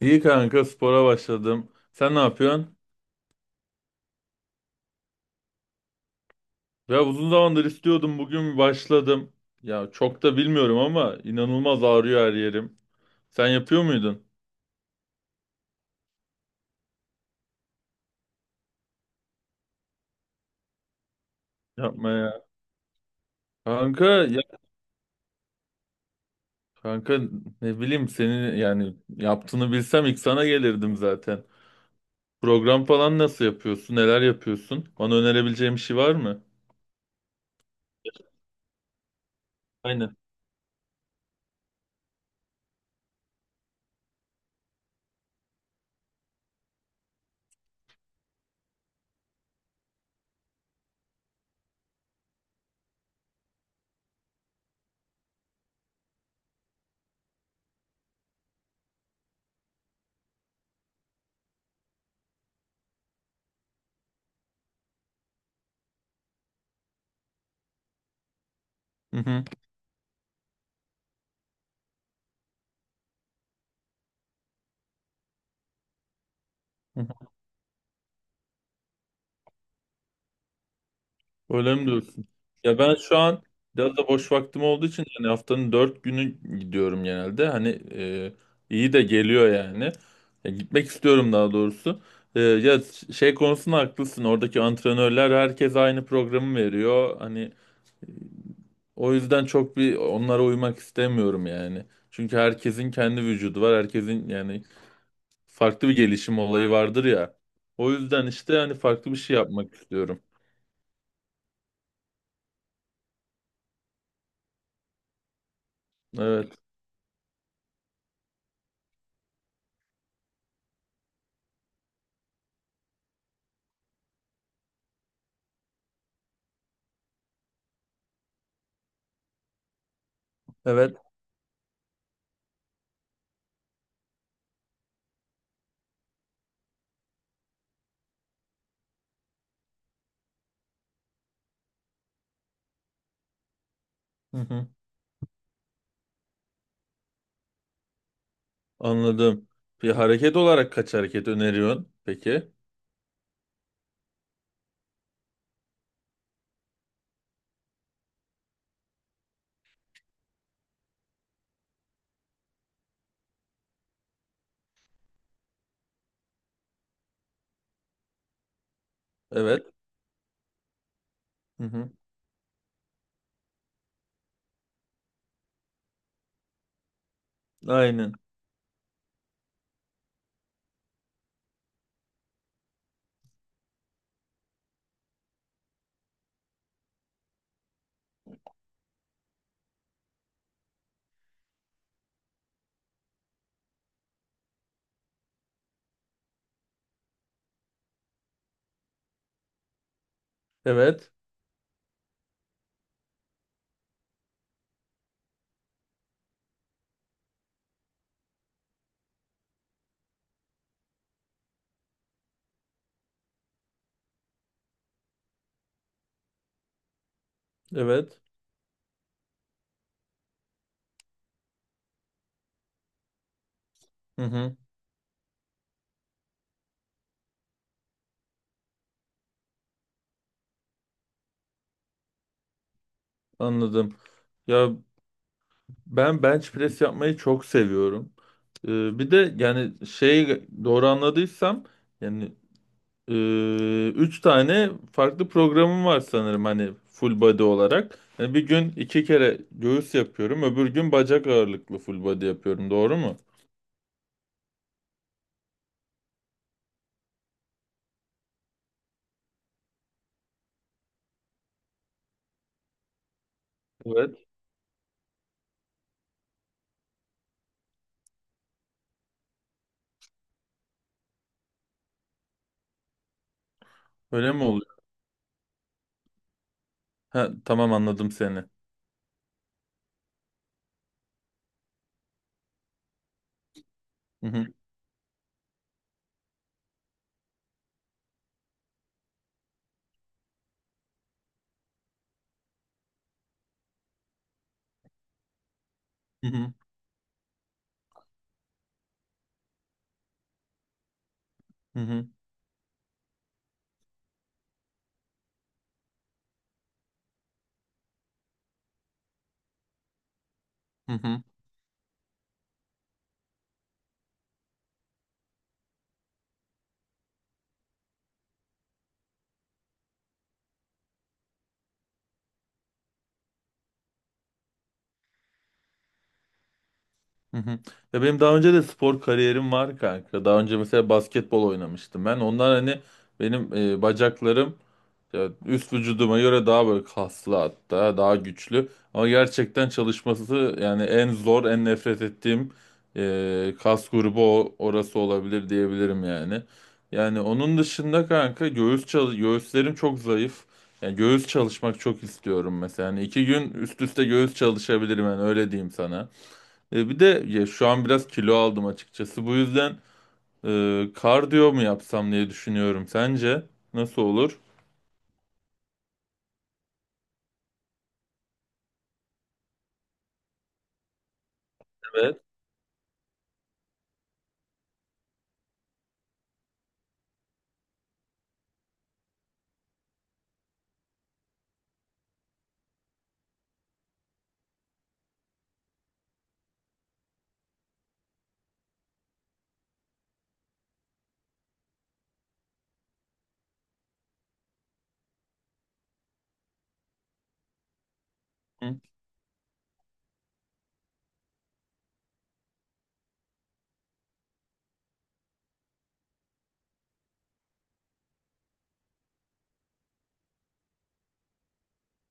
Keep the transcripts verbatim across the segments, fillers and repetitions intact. İyi kanka, spora başladım. Sen ne yapıyorsun? Ya uzun zamandır istiyordum, bugün başladım. Ya çok da bilmiyorum ama inanılmaz ağrıyor her yerim. Sen yapıyor muydun? Yapma ya. Kanka ya, kanka ne bileyim, senin yani yaptığını bilsem ilk sana gelirdim zaten. Program falan nasıl yapıyorsun? Neler yapıyorsun? Bana önerebileceğin bir şey var mı? Aynen. Hı hı. Öyle mi diyorsun? Ya ben şu an biraz da boş vaktim olduğu için hani haftanın dört günü gidiyorum genelde. Hani e, iyi de geliyor yani. Ya gitmek istiyorum daha doğrusu. E, ya şey konusunda haklısın. Oradaki antrenörler herkes aynı programı veriyor. Hani o yüzden çok bir onlara uymak istemiyorum yani. Çünkü herkesin kendi vücudu var. Herkesin yani farklı bir gelişim olayı vardır ya. O yüzden işte hani farklı bir şey yapmak istiyorum. Evet. Evet. Hı hı. Anladım. Bir hareket olarak kaç hareket öneriyorsun? Peki. Evet. Hı hı. Aynen. Evet. Evet. Hı hı. Anladım. Ya ben bench press yapmayı çok seviyorum. Ee, bir de yani şey, doğru anladıysam yani, e, üç tane farklı programım var sanırım, hani full body olarak. Yani bir gün iki kere göğüs yapıyorum, öbür gün bacak ağırlıklı full body yapıyorum. Doğru mu? Evet. Öyle mi oluyor? Ha, tamam, anladım seni. Hı hı, hı hı, hı hı, hı hı, hı hı. Ya benim daha önce de spor kariyerim var kanka. Daha önce mesela basketbol oynamıştım ben. Ondan hani benim e, bacaklarım, ya üst vücuduma göre daha böyle kaslı, hatta daha güçlü, ama gerçekten çalışması yani en zor, en nefret ettiğim e, kas grubu o, orası olabilir diyebilirim yani. Yani onun dışında kanka, göğüs çalış, göğüslerim çok zayıf. Yani göğüs çalışmak çok istiyorum mesela. Yani iki gün üst üste göğüs çalışabilirim, yani öyle diyeyim sana. E, bir de ya şu an biraz kilo aldım açıkçası. Bu yüzden e, kardiyo mu yapsam diye düşünüyorum. Sence nasıl olur? Evet.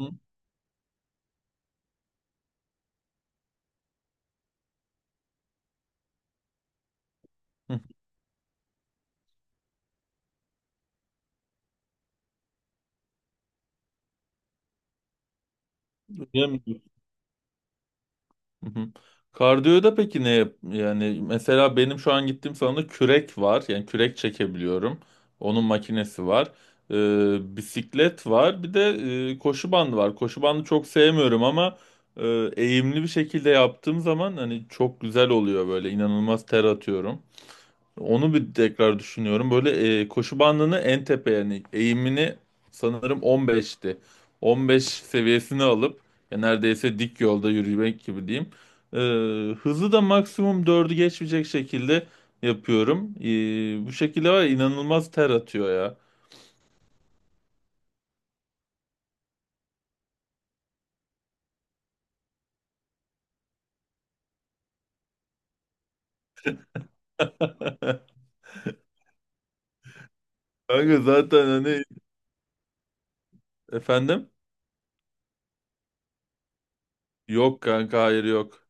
Hı. Hı. Yemiyor. Hı hı. Kardiyoda peki ne yap- yani mesela benim şu an gittiğim salonda kürek var, yani kürek çekebiliyorum, onun makinesi var. Ee, bisiklet var, bir de e, koşu bandı var. Koşu bandı çok sevmiyorum ama e, eğimli bir şekilde yaptığım zaman hani çok güzel oluyor, böyle inanılmaz ter atıyorum. Onu bir tekrar düşünüyorum. Böyle e, koşu bandını en tepe, yani eğimini sanırım on beşti. on beş seviyesini alıp ya neredeyse dik yolda yürümek gibi diyeyim. E, Hızı da maksimum dördü geçmeyecek şekilde yapıyorum. E, bu şekilde var ya, inanılmaz ter atıyor ya. Kanka zaten hani, efendim? Yok kanka, hayır yok.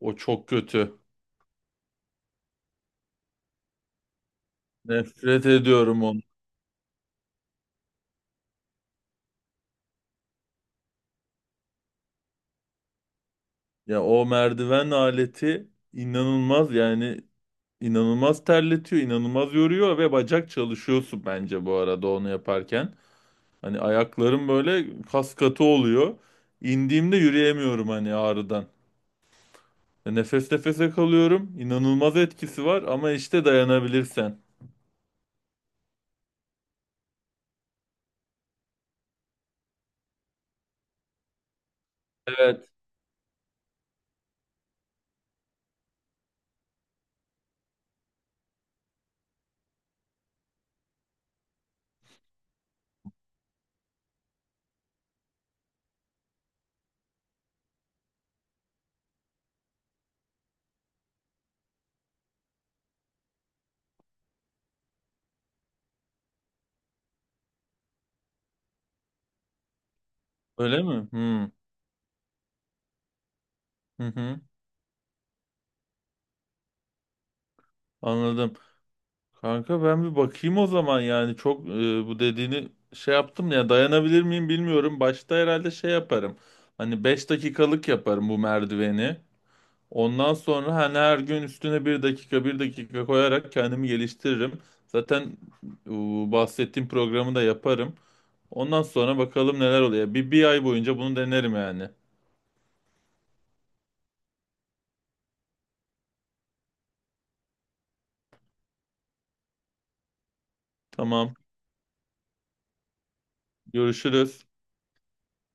O çok kötü. Nefret ediyorum onu. Ya o merdiven aleti inanılmaz yani. İnanılmaz terletiyor, inanılmaz yoruyor ve bacak çalışıyorsun bence bu arada onu yaparken. Hani ayaklarım böyle kas katı oluyor. İndiğimde yürüyemiyorum hani ağrıdan. Nefes nefese kalıyorum. İnanılmaz etkisi var ama işte dayanabilirsen. Evet. Öyle mi? Hmm. Hı hı. Anladım. Kanka ben bir bakayım o zaman, yani çok e, bu dediğini şey yaptım ya, dayanabilir miyim bilmiyorum. Başta herhalde şey yaparım. Hani beş dakikalık yaparım bu merdiveni. Ondan sonra hani her gün üstüne bir dakika bir dakika koyarak kendimi geliştiririm. Zaten bu bahsettiğim programı da yaparım. Ondan sonra bakalım neler oluyor. Bir, bir ay boyunca bunu denerim yani. Tamam. Görüşürüz.